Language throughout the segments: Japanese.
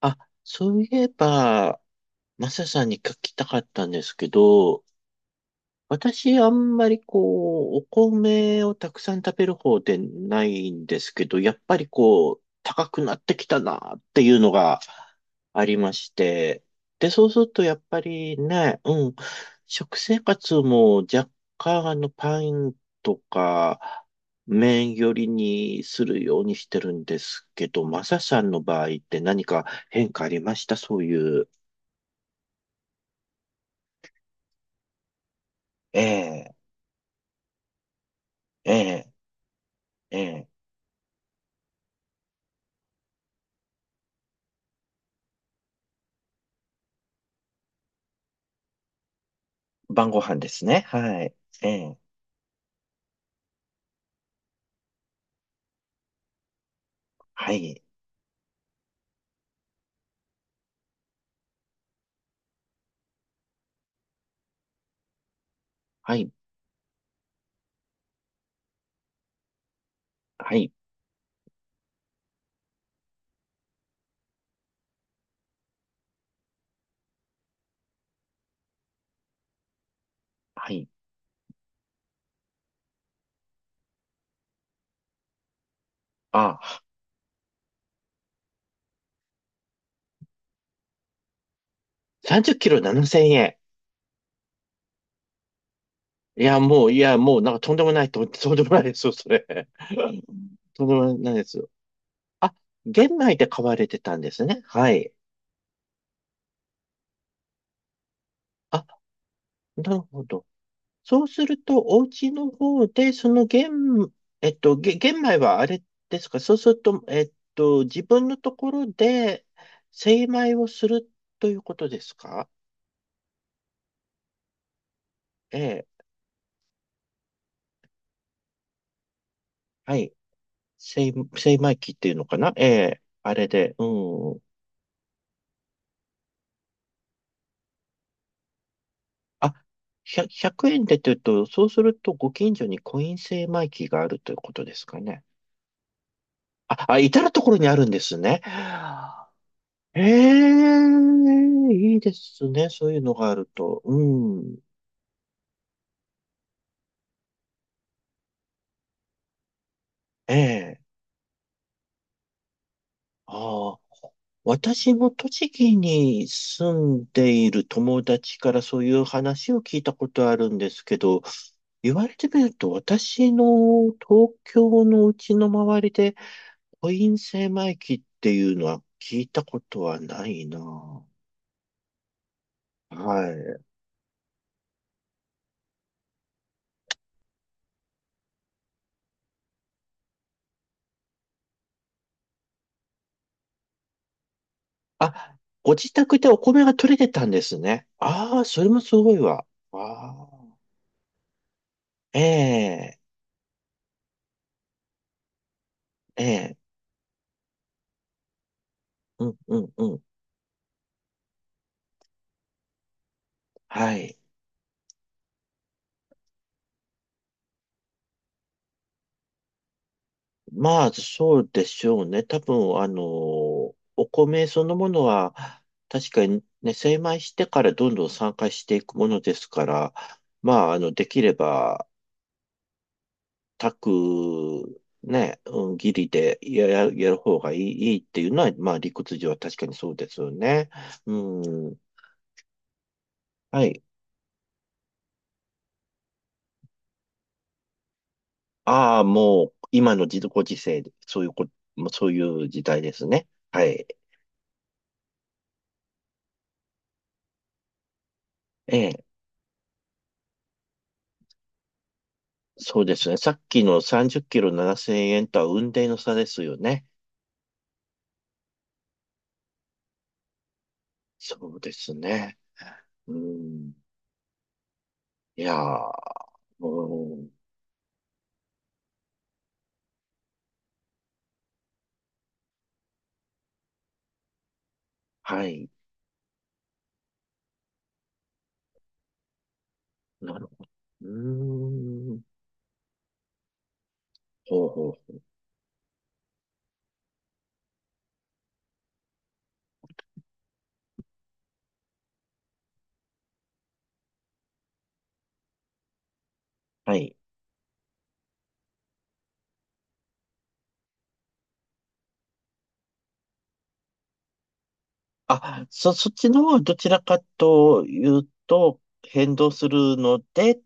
あ、そういえば、マサさんに聞きたかったんですけど、私、あんまりお米をたくさん食べる方でないんですけど、やっぱり高くなってきたなっていうのがありまして、で、そうするとやっぱりね、うん、食生活も若干パンとか、麺寄りにするようにしてるんですけど、マサさんの場合って何か変化ありましたそういう。ええ、ええ、ええ。晩ご飯ですね。はい。ええ。はい。はい。はい。はい。あ、30キロ7000円。いや、もう、なんかとんでもない、と、とんでもないですよ、それ。とんでもないですよ。あ、玄米で買われてたんですね。はい。あ、なるほど。そうすると、お家の方で、その玄、えっと、げ玄米はあれですかそうすると、えっと、自分のところで精米をするということですか。ええ。はい。精米機っていうのかな、ええ、あれで、うん。あ、100円でって言うと、そうするとご近所にコイン精米機があるということですかね。あ、至るところにあるんですね。ええ、いいですね。そういうのがあると。うん。ええ。ああ。私も栃木に住んでいる友達からそういう話を聞いたことあるんですけど、言われてみると、私の東京のうちの周りで、コイン精米機っていうのは聞いたことはないな。はい。あ、ご自宅でお米が取れてたんですね。ああ、それもすごいわ。ああ、ええ、ええ、うん、うん、うん。はい。まあ、そうでしょうね。多分、あの、お米そのものは、確かにね、精米してからどんどん酸化していくものですから、まあ、あの、できれば、炊く、ね、うん、義理でやる方がいいっていうのは、まあ、理屈上は確かにそうですよね。うん。はい。ああ、もう、今の自ご時世で、そういうこ、もうそういう時代ですね。はい。ええ。そうですね。さっきの30キロ7000円とは雲泥の差ですよね。そうですね。うん。いやー、うん。はい。なるほど。うん。ほうほう。はい。あ、そっちの方はどちらかというと、変動するので、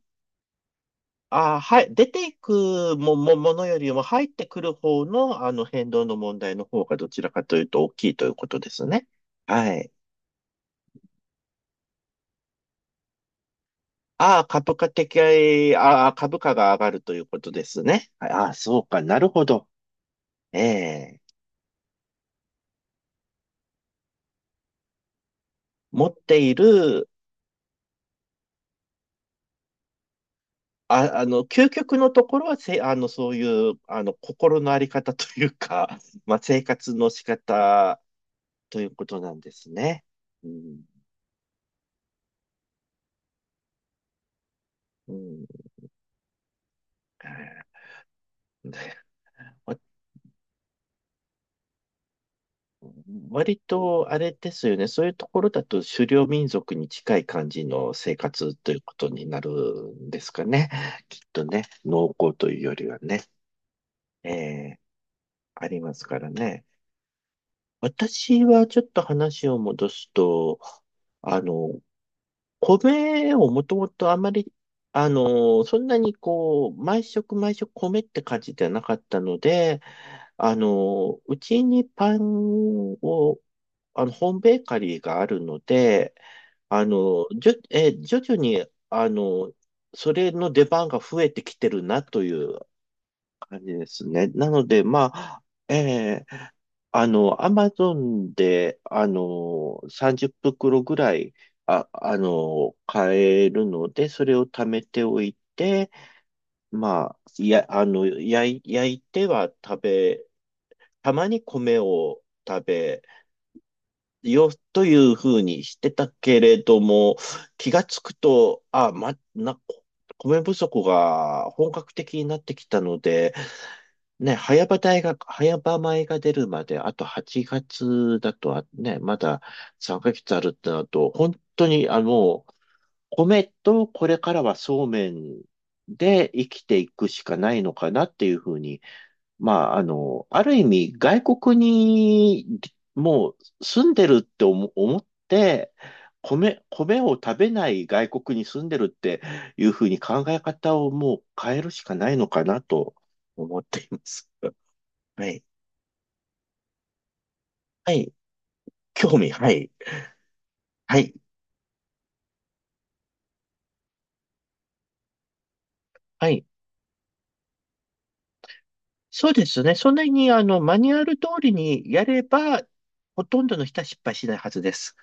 あ、はい。出ていくものよりも入ってくる方の、あの変動の問題の方がどちらかというと大きいということですね。はい。ああ、株価的、ああ、株価が上がるということですね。ああ、そうか、なるほど。ええ。持っている、あ、あの、究極のところはあの、そういう、あの、心のあり方というか、まあ、生活の仕方ということなんですね。うん、うん、私、割とあれですよね。そういうところだと狩猟民族に近い感じの生活ということになるんですかね。きっとね、農耕というよりはね、ええ、ありますからね。私はちょっと話を戻すと、あの、米をもともとあまり、あの、そんなにこう、毎食毎食米って感じではなかったので、あの、うちにパンをあの、ホームベーカリーがあるので、あの、じゅ、え徐々に、あの、それの出番が増えてきてるなという感じですね。なので、まあ、えーあの、アマゾンで、あの、30袋ぐらい、あの、買えるので、それを貯めておいて、まあ、あの、焼いては食べ、たまに米を食べ、よ、というふうにしてたけれども、気がつくと、米不足が本格的になってきたので、ね、早場米が出るまで、あと8月だとはね、まだ3ヶ月あるってなると、本当にあの、米とこれからはそうめんで生きていくしかないのかなっていうふうに、まあ、あの、ある意味、外国にもう住んでるって思、思って、米を食べない外国に住んでるっていうふうに考え方をもう変えるしかないのかなと思っています。はい。はい。興味、はい。はい。はい。そうですね。そんなに、あの、マニュアル通りにやれば、ほとんどの人は失敗しないはずです。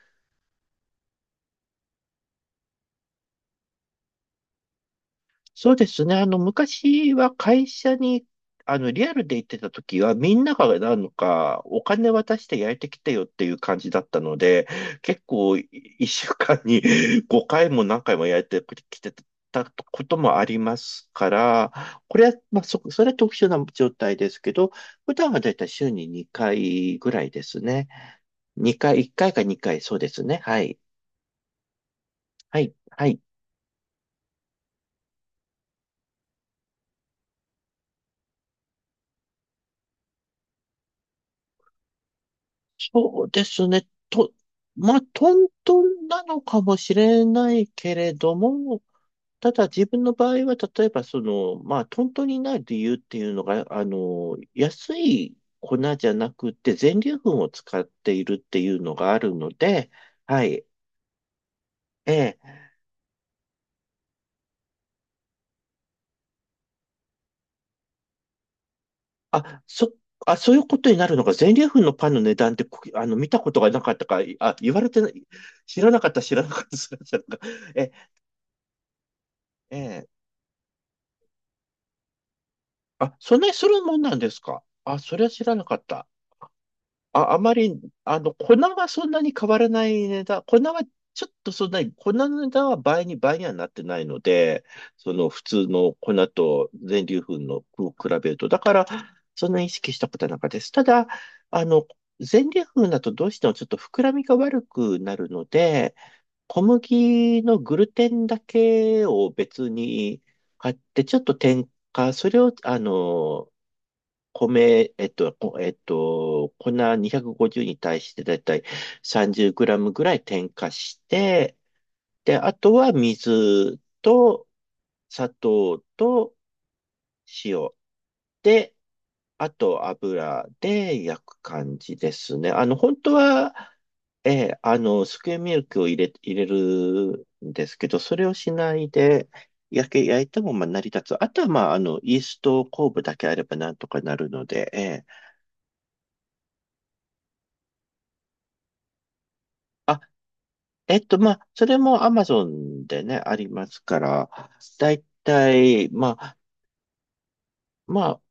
そうですね。あの、昔は会社に、あの、リアルで行ってた時は、みんながなんか、お金渡して焼いてきてよっていう感じだったので、結構、一週間に 5回も何回も焼いてきてたこともありますから、これは、まあ、それは特殊な状態ですけど、普段はだいたい週に2回ぐらいですね。2回、1回か2回、そうですね。はい。はい。はい。そうですね。と、まあ、トントンなのかもしれないけれども、ただ自分の場合は、例えばその、まあ、トントンになる理由っていうのが、あの、安い粉じゃなくて、全粒粉を使っているっていうのがあるので、はい。ええ。あ、そ、あ、そういうことになるのか、全粒粉のパンの値段って、こあの、見たことがなかったか、あ、言われてない、知らなかった、知らなかった、知らなかった。え、ええ。あ、そんなにするもんなんですか、あ、それは知らなかった。あ、あまり、あの、粉はそんなに変わらない値段。粉はちょっとそんなに、粉の値段は倍にはなってないので、その普通の粉と全粒粉のを比べると。だから、そんなに意識したことはなかったです。ただ、あの、全粒粉だとどうしてもちょっと膨らみが悪くなるので、小麦のグルテンだけを別に買って、ちょっと添加、それを、あの、米、えっと、こえっと、粉250に対してだいたい30グラムぐらい添加して、で、あとは水と砂糖と塩で、あと油で焼く感じですね。あの、本当は、えーあの、スクエアミルクを入れるんですけど、それをしないで、焼いてもまあ成り立つ。あとは、まあ、あの、イースト酵母だけあればなんとかなるので、えーえっと、まあ、それも Amazon でね、ありますから、だいたい、まあ、まあ、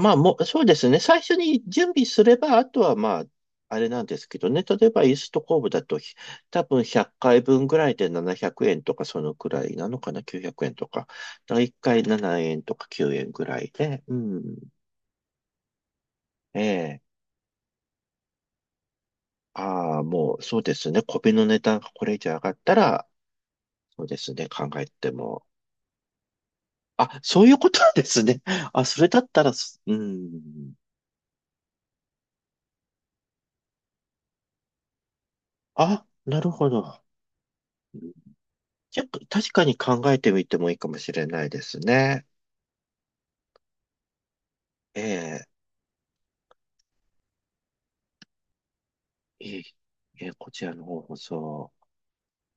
まあ、もう、そうですね。最初に準備すれば、あとは、まあ、あれなんですけどね。例えば、イーストコーブだと、多分100回分ぐらいで700円とか、そのくらいなのかな、900円とか。だから1回7円とか9円ぐらいで、うん。ええ。ああ、もう、そうですね。米の値段がこれ以上上がったら、そうですね。考えても。あ、そういうことなんですね。あ、それだったらす、うん。あ、なるほど。うん。じゃ、確かに考えてみてもいいかもしれないですね。ええ、いい、ええ、こちらの方こそ。